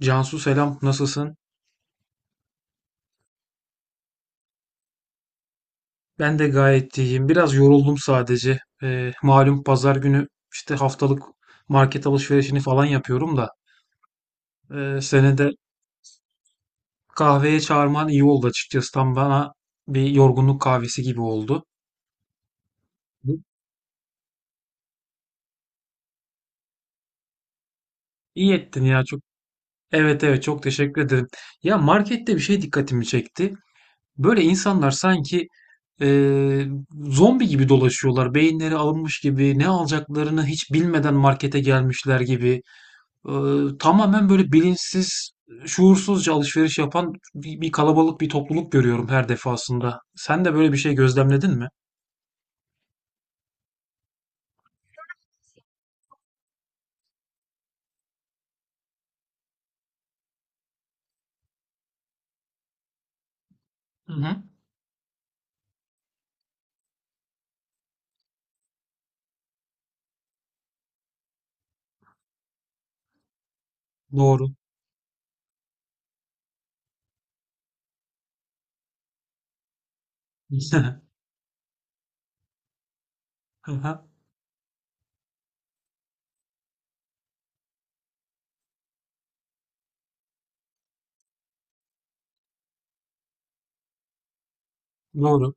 Cansu selam, nasılsın? Ben de gayet iyiyim. Biraz yoruldum sadece. Malum pazar günü işte haftalık market alışverişini falan yapıyorum da. Seni de kahveye çağırman iyi oldu açıkçası. Tam bana bir yorgunluk kahvesi gibi oldu. Hı. İyi ettin ya çok. Evet evet, çok teşekkür ederim. Ya markette bir şey dikkatimi çekti. Böyle insanlar sanki eee, zombi gibi dolaşıyorlar. Beyinleri alınmış gibi ne alacaklarını hiç bilmeden markete gelmişler gibi. Tamamen böyle bilinçsiz, şuursuzca alışveriş yapan bir kalabalık bir topluluk görüyorum her defasında. Sen de böyle bir şey gözlemledin mi? Hı hı. Doğru. Hı hı. Doğru.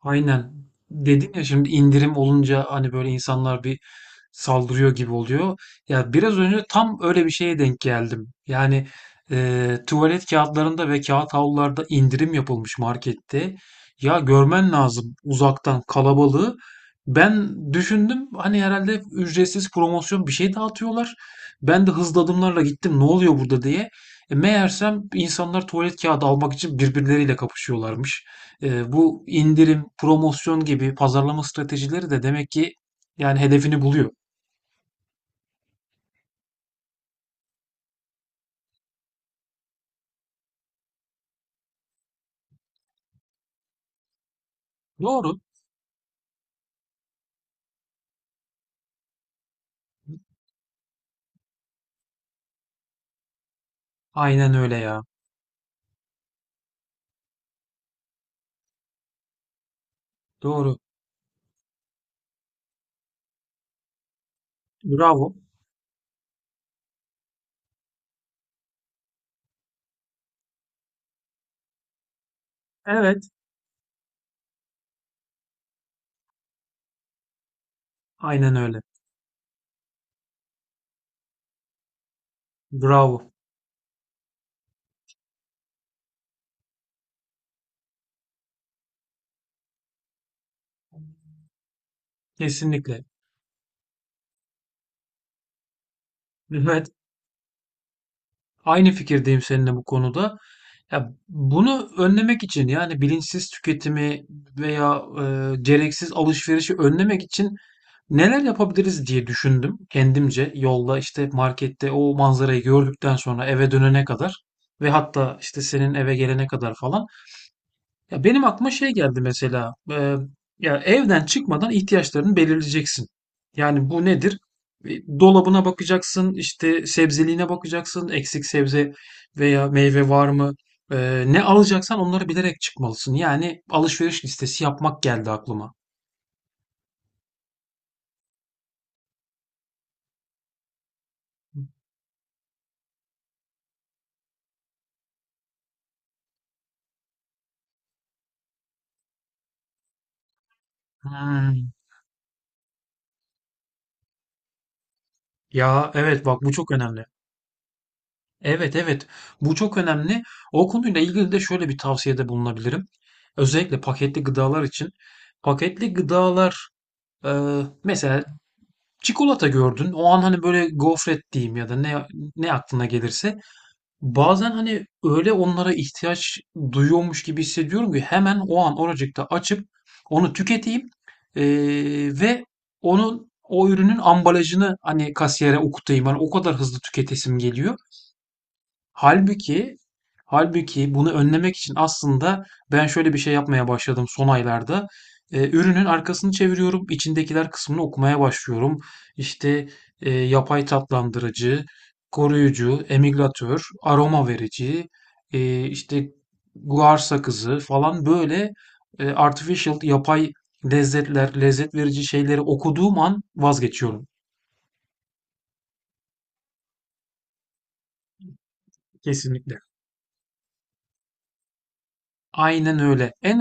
Aynen. Dedin ya, şimdi indirim olunca hani böyle insanlar bir saldırıyor gibi oluyor. Ya biraz önce tam öyle bir şeye denk geldim. Yani tuvalet kağıtlarında ve kağıt havlularda indirim yapılmış markette. Ya görmen lazım uzaktan kalabalığı. Ben düşündüm, hani herhalde ücretsiz promosyon bir şey dağıtıyorlar. Ben de hızlı adımlarla gittim ne oluyor burada diye. Meğersem insanlar tuvalet kağıdı almak için birbirleriyle kapışıyorlarmış. Bu indirim, promosyon gibi pazarlama stratejileri de demek ki yani hedefini buluyor. Doğru. Aynen öyle ya. Doğru. Bravo. Evet. Aynen öyle. Bravo. Kesinlikle. Evet. Aynı fikirdeyim seninle bu konuda. Ya bunu önlemek için, yani bilinçsiz tüketimi veya gereksiz alışverişi önlemek için neler yapabiliriz diye düşündüm kendimce. Yolda işte markette o manzarayı gördükten sonra eve dönene kadar ve hatta işte senin eve gelene kadar falan. Ya benim aklıma şey geldi mesela. Ya evden çıkmadan ihtiyaçlarını belirleyeceksin. Yani bu nedir? Dolabına bakacaksın, işte sebzeliğine bakacaksın, eksik sebze veya meyve var mı? Ne alacaksan onları bilerek çıkmalısın. Yani alışveriş listesi yapmak geldi aklıma. Hmm. Ya evet, bak bu çok önemli. Evet evet, bu çok önemli. O konuyla ilgili de şöyle bir tavsiyede bulunabilirim. Özellikle paketli gıdalar için. Paketli gıdalar mesela çikolata gördün. O an hani böyle gofret diyeyim ya da ne aklına gelirse. Bazen hani öyle onlara ihtiyaç duyuyormuş gibi hissediyorum ki hemen o an oracıkta açıp onu tüketeyim. Ee, Ve onun o ürünün ambalajını hani kasiyere okutayım. Hani o kadar hızlı tüketesim geliyor. Halbuki bunu önlemek için aslında ben şöyle bir şey yapmaya başladım son aylarda. Ürünün arkasını çeviriyorum, içindekiler kısmını okumaya başlıyorum. İşte, yapay tatlandırıcı, koruyucu, emilgatör, aroma verici, işte guar sakızı falan böyle, artificial, yapay lezzetler, lezzet verici şeyleri okuduğum an vazgeçiyorum kesinlikle. Aynen öyle. En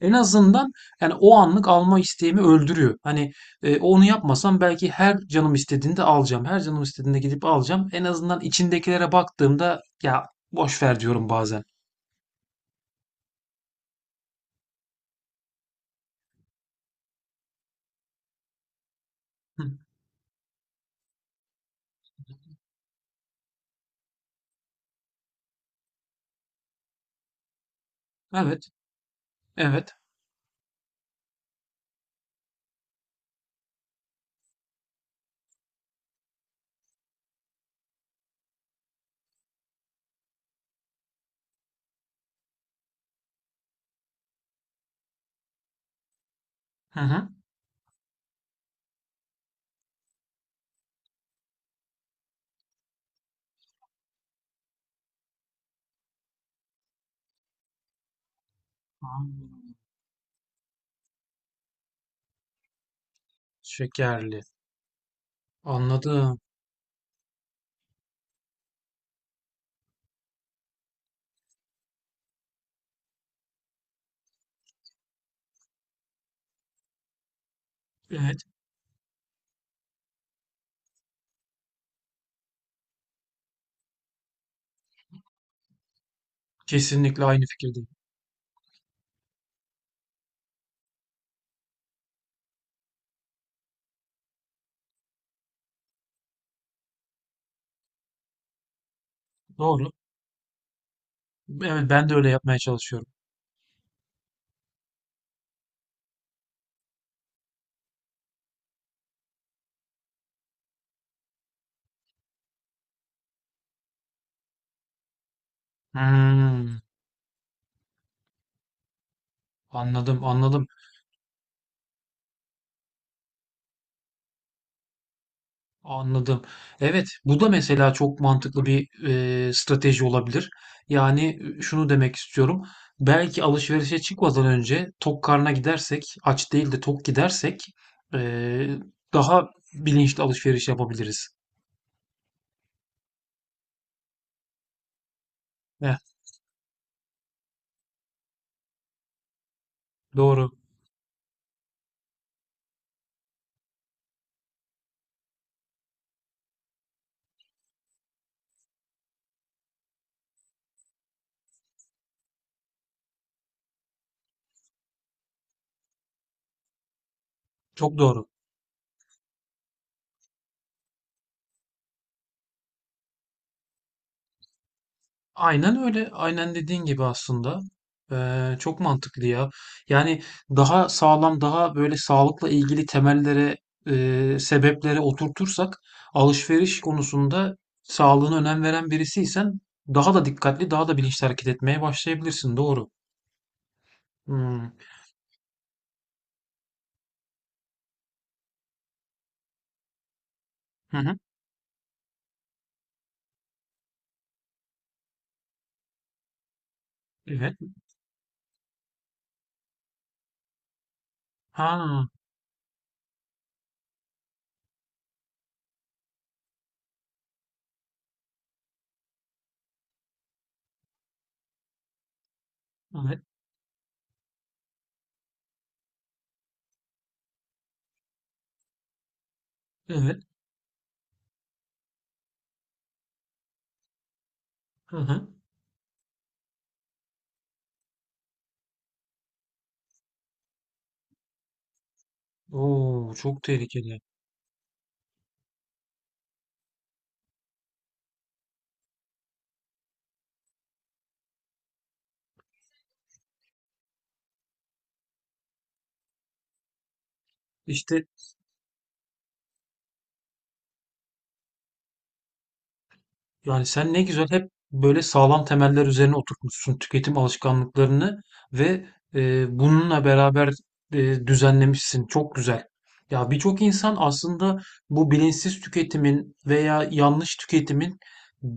en azından yani o anlık alma isteğimi öldürüyor. Hani onu yapmasam belki her canım istediğinde alacağım. Her canım istediğinde gidip alacağım. En azından içindekilere baktığımda ya boş ver diyorum bazen. Hı, evet, evet. Hı hı. Anladım. Şekerli. Anladım. Evet, kesinlikle aynı fikirdeyim. Doğru. Evet, ben de öyle yapmaya çalışıyorum. Hmm, anladım, anladım. Anladım. Evet, bu da mesela çok mantıklı bir strateji olabilir. Yani şunu demek istiyorum. Belki alışverişe çıkmadan önce tok karna gidersek, aç değil de tok gidersek e, daha bilinçli alışveriş yapabiliriz. Heh, doğru. Çok doğru. Aynen öyle. Aynen dediğin gibi aslında. Çok mantıklı ya. Yani daha sağlam, daha böyle sağlıkla ilgili temellere, sebeplere oturtursak alışveriş konusunda sağlığına önem veren birisiysen daha da dikkatli, daha da bilinçli hareket etmeye başlayabilirsin. Doğru. Hmm. Hı hı. Evet. Ha, evet. Evet. Hı hı. Oo, çok tehlikeli. İşte. Yani sen ne güzel hep böyle sağlam temeller üzerine oturtmuşsun tüketim alışkanlıklarını ve bununla beraber düzenlemişsin. Çok güzel. Ya birçok insan aslında bu bilinçsiz tüketimin veya yanlış tüketimin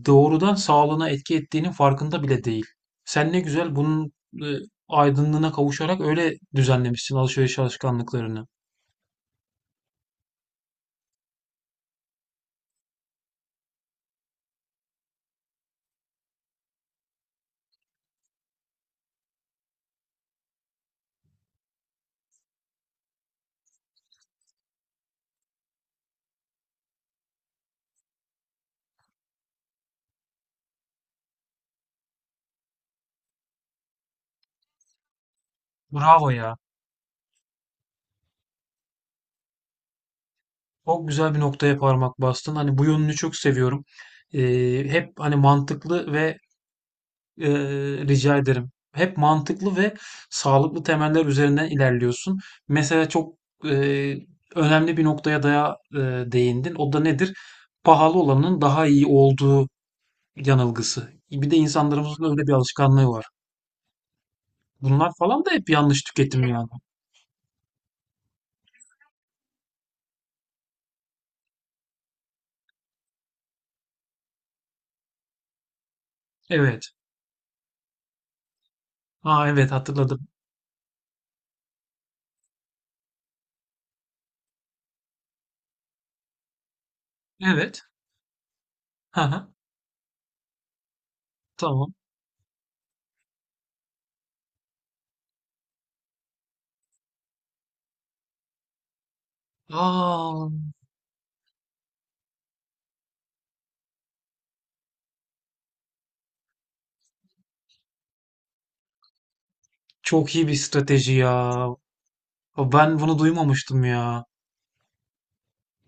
doğrudan sağlığına etki ettiğinin farkında bile değil. Sen ne güzel bunun e, aydınlığına kavuşarak öyle düzenlemişsin alışveriş alışkanlıklarını. Bravo ya. Çok güzel bir noktaya parmak bastın. Hani bu yönünü çok seviyorum. Hep hani mantıklı ve e, rica ederim. Hep mantıklı ve sağlıklı temeller üzerinden ilerliyorsun. Mesela çok e, önemli bir noktaya değindin. O da nedir? Pahalı olanın daha iyi olduğu yanılgısı. Bir de insanlarımızın öyle bir alışkanlığı var. Bunlar falan da hep yanlış tüketim yani. Evet. Aa evet, hatırladım. Evet. Hı hı. Tamam. Aa. Çok iyi bir strateji ya. Ben bunu duymamıştım ya.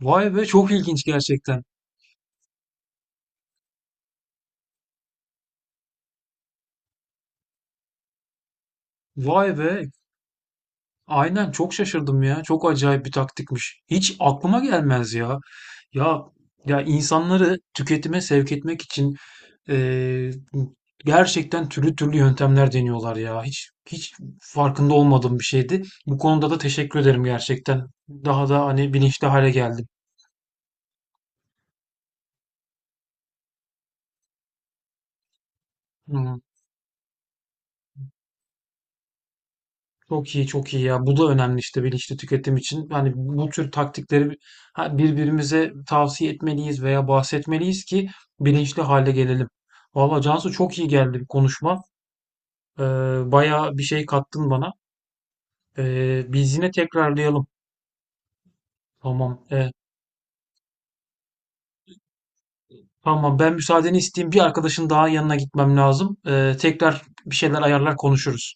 Vay be, çok ilginç gerçekten. Vay be. Aynen, çok şaşırdım ya. Çok acayip bir taktikmiş. Hiç aklıma gelmez ya. Ya ya insanları tüketime sevk etmek için eee, gerçekten türlü türlü yöntemler deniyorlar ya. Hiç farkında olmadığım bir şeydi. Bu konuda da teşekkür ederim gerçekten. Daha da hani bilinçli hale geldim. Hmm. Çok iyi, çok iyi ya. Bu da önemli işte bilinçli tüketim için. Yani bu tür taktikleri birbirimize tavsiye etmeliyiz veya bahsetmeliyiz ki bilinçli hale gelelim. Valla Cansu, çok iyi geldi bu konuşma. Ee, Bayağı bir şey kattın bana. Biz yine tekrarlayalım. Tamam. Tamam, ben müsaadeni isteyeyim. Bir arkadaşın daha yanına gitmem lazım. Tekrar bir şeyler ayarlar konuşuruz.